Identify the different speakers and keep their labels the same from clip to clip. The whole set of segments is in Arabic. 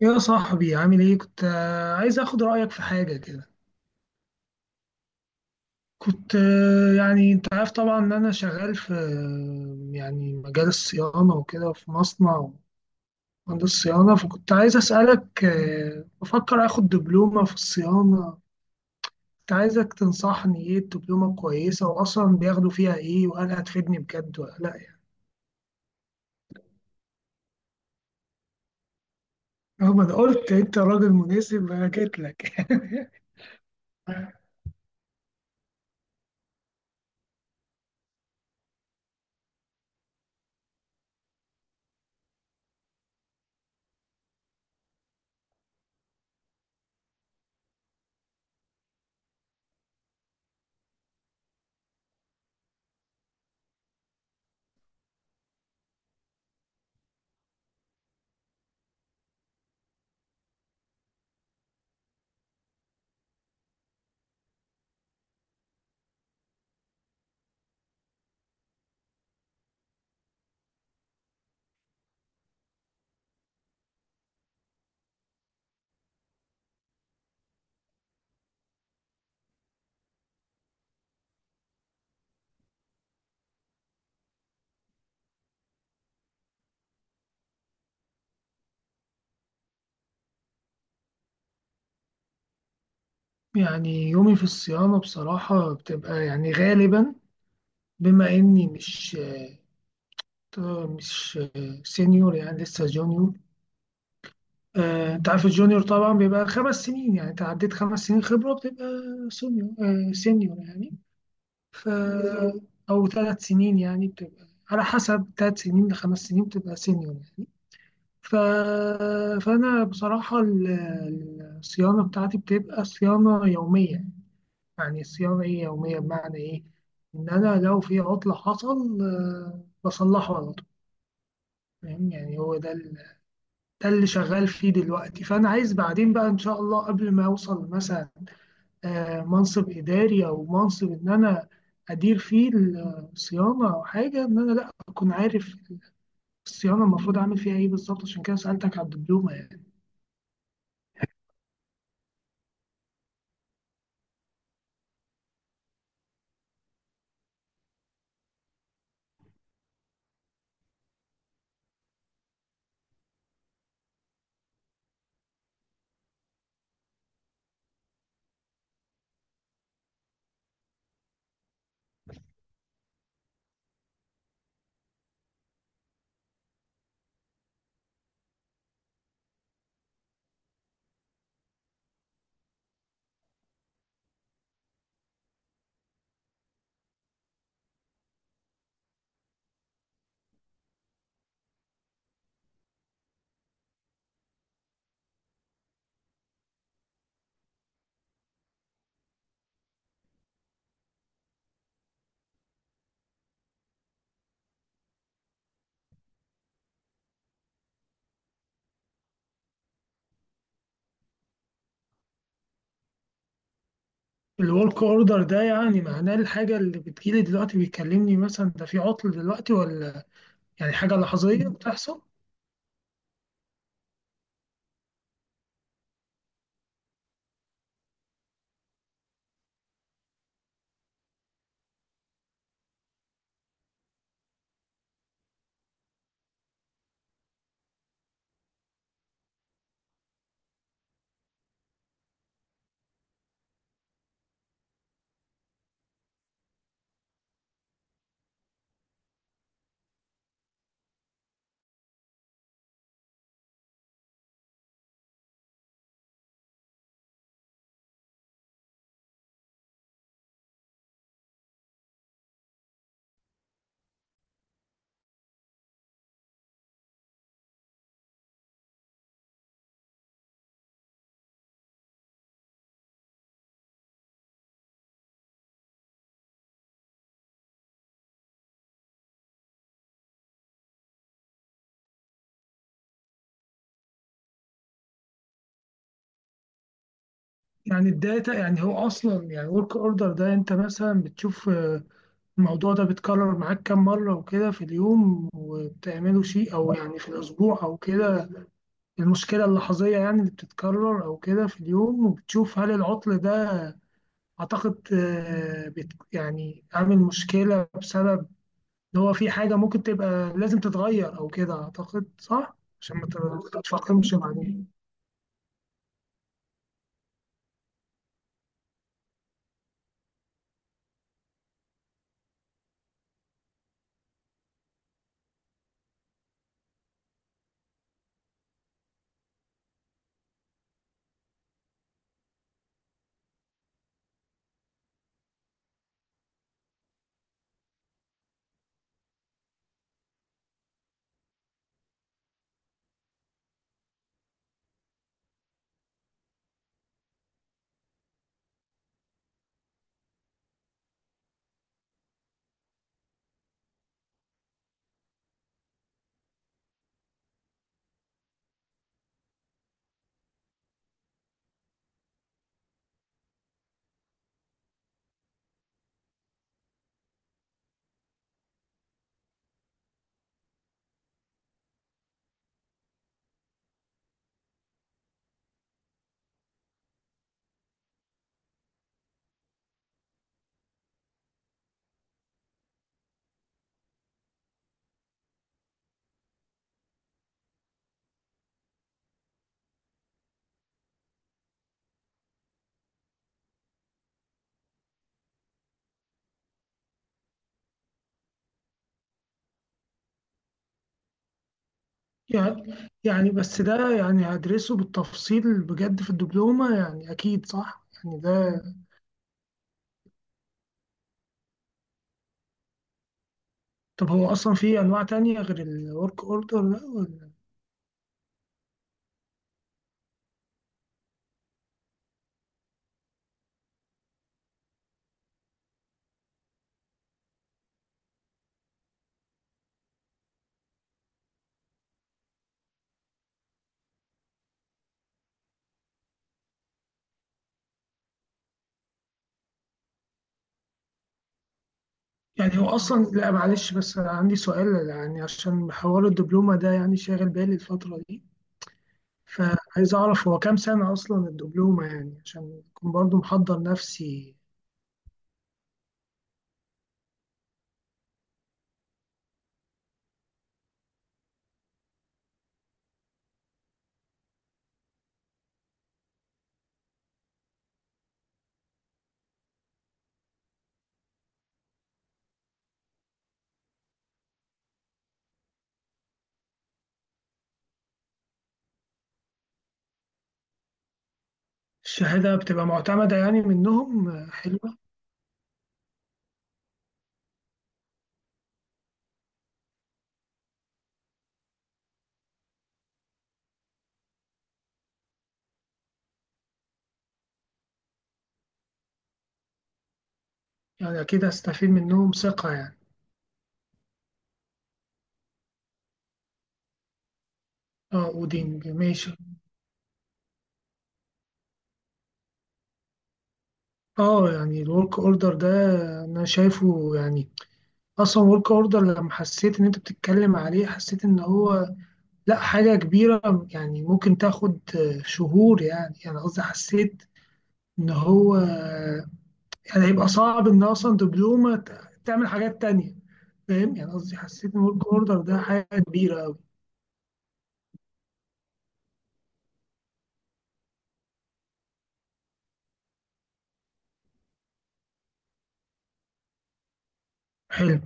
Speaker 1: يا صاحبي عامل ايه؟ كنت عايز اخد رأيك في حاجة كده. كنت يعني انت عارف طبعا ان انا شغال في يعني مجال الصيانة وكده في مصنع، مهندس صيانة. فكنت عايز اسألك، بفكر اخد دبلومة في الصيانة. كنت عايزك تنصحني ايه، الدبلومة كويسة؟ واصلا بياخدوا فيها ايه؟ وهل هتفيدني بجد ولا لا يعني؟ رغم انا قلت انت راجل مناسب انا جيت لك يعني يومي في الصيانة بصراحة بتبقى يعني غالبا، بما اني مش سينيور، يعني لسه جونيور. انت عارف الجونيور طبعا بيبقى خمس سنين، يعني انت عديت خمس سنين خبرة بتبقى سينيور. سينيور يعني. ف بالظبط. او ثلاث سنين يعني، بتبقى على حسب، ثلاث سنين لخمس سنين بتبقى سينيور يعني. ف... فانا بصراحة الصيانة بتاعتي بتبقى صيانة يومية. يعني الصيانة ايه يومية؟ بمعنى ايه؟ ان انا لو في عطلة حصل بصلحه على طول. فاهم؟ يعني هو ده ده اللي شغال فيه دلوقتي. فانا عايز بعدين بقى ان شاء الله قبل ما اوصل مثلا منصب اداري او منصب ان انا ادير فيه الصيانه او حاجه، ان انا لا اكون عارف الصيانه المفروض اعمل فيها ايه بالظبط. عشان كده سالتك على الدبلومه يعني. الورك اوردر ده يعني معناه الحاجه اللي بتجيلي دلوقتي، بيكلمني مثلا ده في عطل دلوقتي، ولا يعني حاجه لحظيه بتحصل؟ يعني الداتا يعني، هو اصلا يعني ورك اوردر ده، انت مثلا بتشوف الموضوع ده بيتكرر معاك كام مرة وكده في اليوم، وبتعمله شيء أو يعني في الأسبوع أو كده؟ المشكلة اللحظية يعني اللي بتتكرر أو كده في اليوم، وبتشوف هل العطل ده أعتقد يعني عامل مشكلة بسبب إن هو في حاجة ممكن تبقى لازم تتغير أو كده، أعتقد صح؟ عشان ما تتفاقمش بعدين. يعني يعني بس ده يعني هدرسه بالتفصيل بجد في الدبلومة، يعني أكيد صح؟ يعني ده طب هو أصلا في أنواع تانية غير الورك أوردر ده ولا؟ يعني هو أصلا، لا معلش، بس أنا عندي سؤال يعني عشان حوار الدبلومة ده يعني شاغل بالي الفترة دي، فعايز أعرف هو كام سنة أصلا الدبلومة يعني عشان أكون برضو محضر نفسي. الشهادة بتبقى معتمدة يعني منهم حلوة؟ يعني أكيد هستفيد منهم، ثقة يعني. اه ودين ماشي. اه يعني الورك اوردر ده انا شايفه يعني، اصلا ورك اوردر لما حسيت ان انت بتتكلم عليه حسيت ان هو لا حاجة كبيرة، يعني ممكن تاخد شهور يعني. يعني قصدي حسيت إن هو يعني هيبقى صعب إن أصلا دبلومة تعمل حاجات تانية. فاهم يعني؟ قصدي حسيت إن ورك أوردر ده حاجة كبيرة أوي. حلو.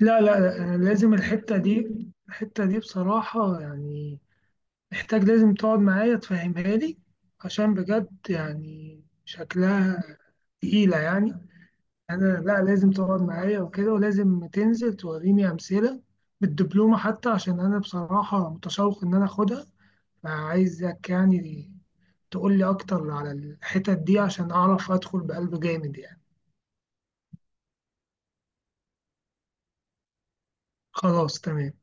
Speaker 1: لا لا لا، أنا لازم الحتة دي، الحتة دي بصراحة يعني محتاج، لازم تقعد معايا تفهمها لي، عشان بجد يعني شكلها تقيلة يعني. انا لا، لازم تقعد معايا وكده، ولازم تنزل توريني امثله بالدبلومه حتى، عشان انا بصراحه متشوق ان انا اخدها. فعايزك يعني تقول لي اكتر على الحتت دي عشان اعرف ادخل بقلب جامد يعني. خلاص تمام.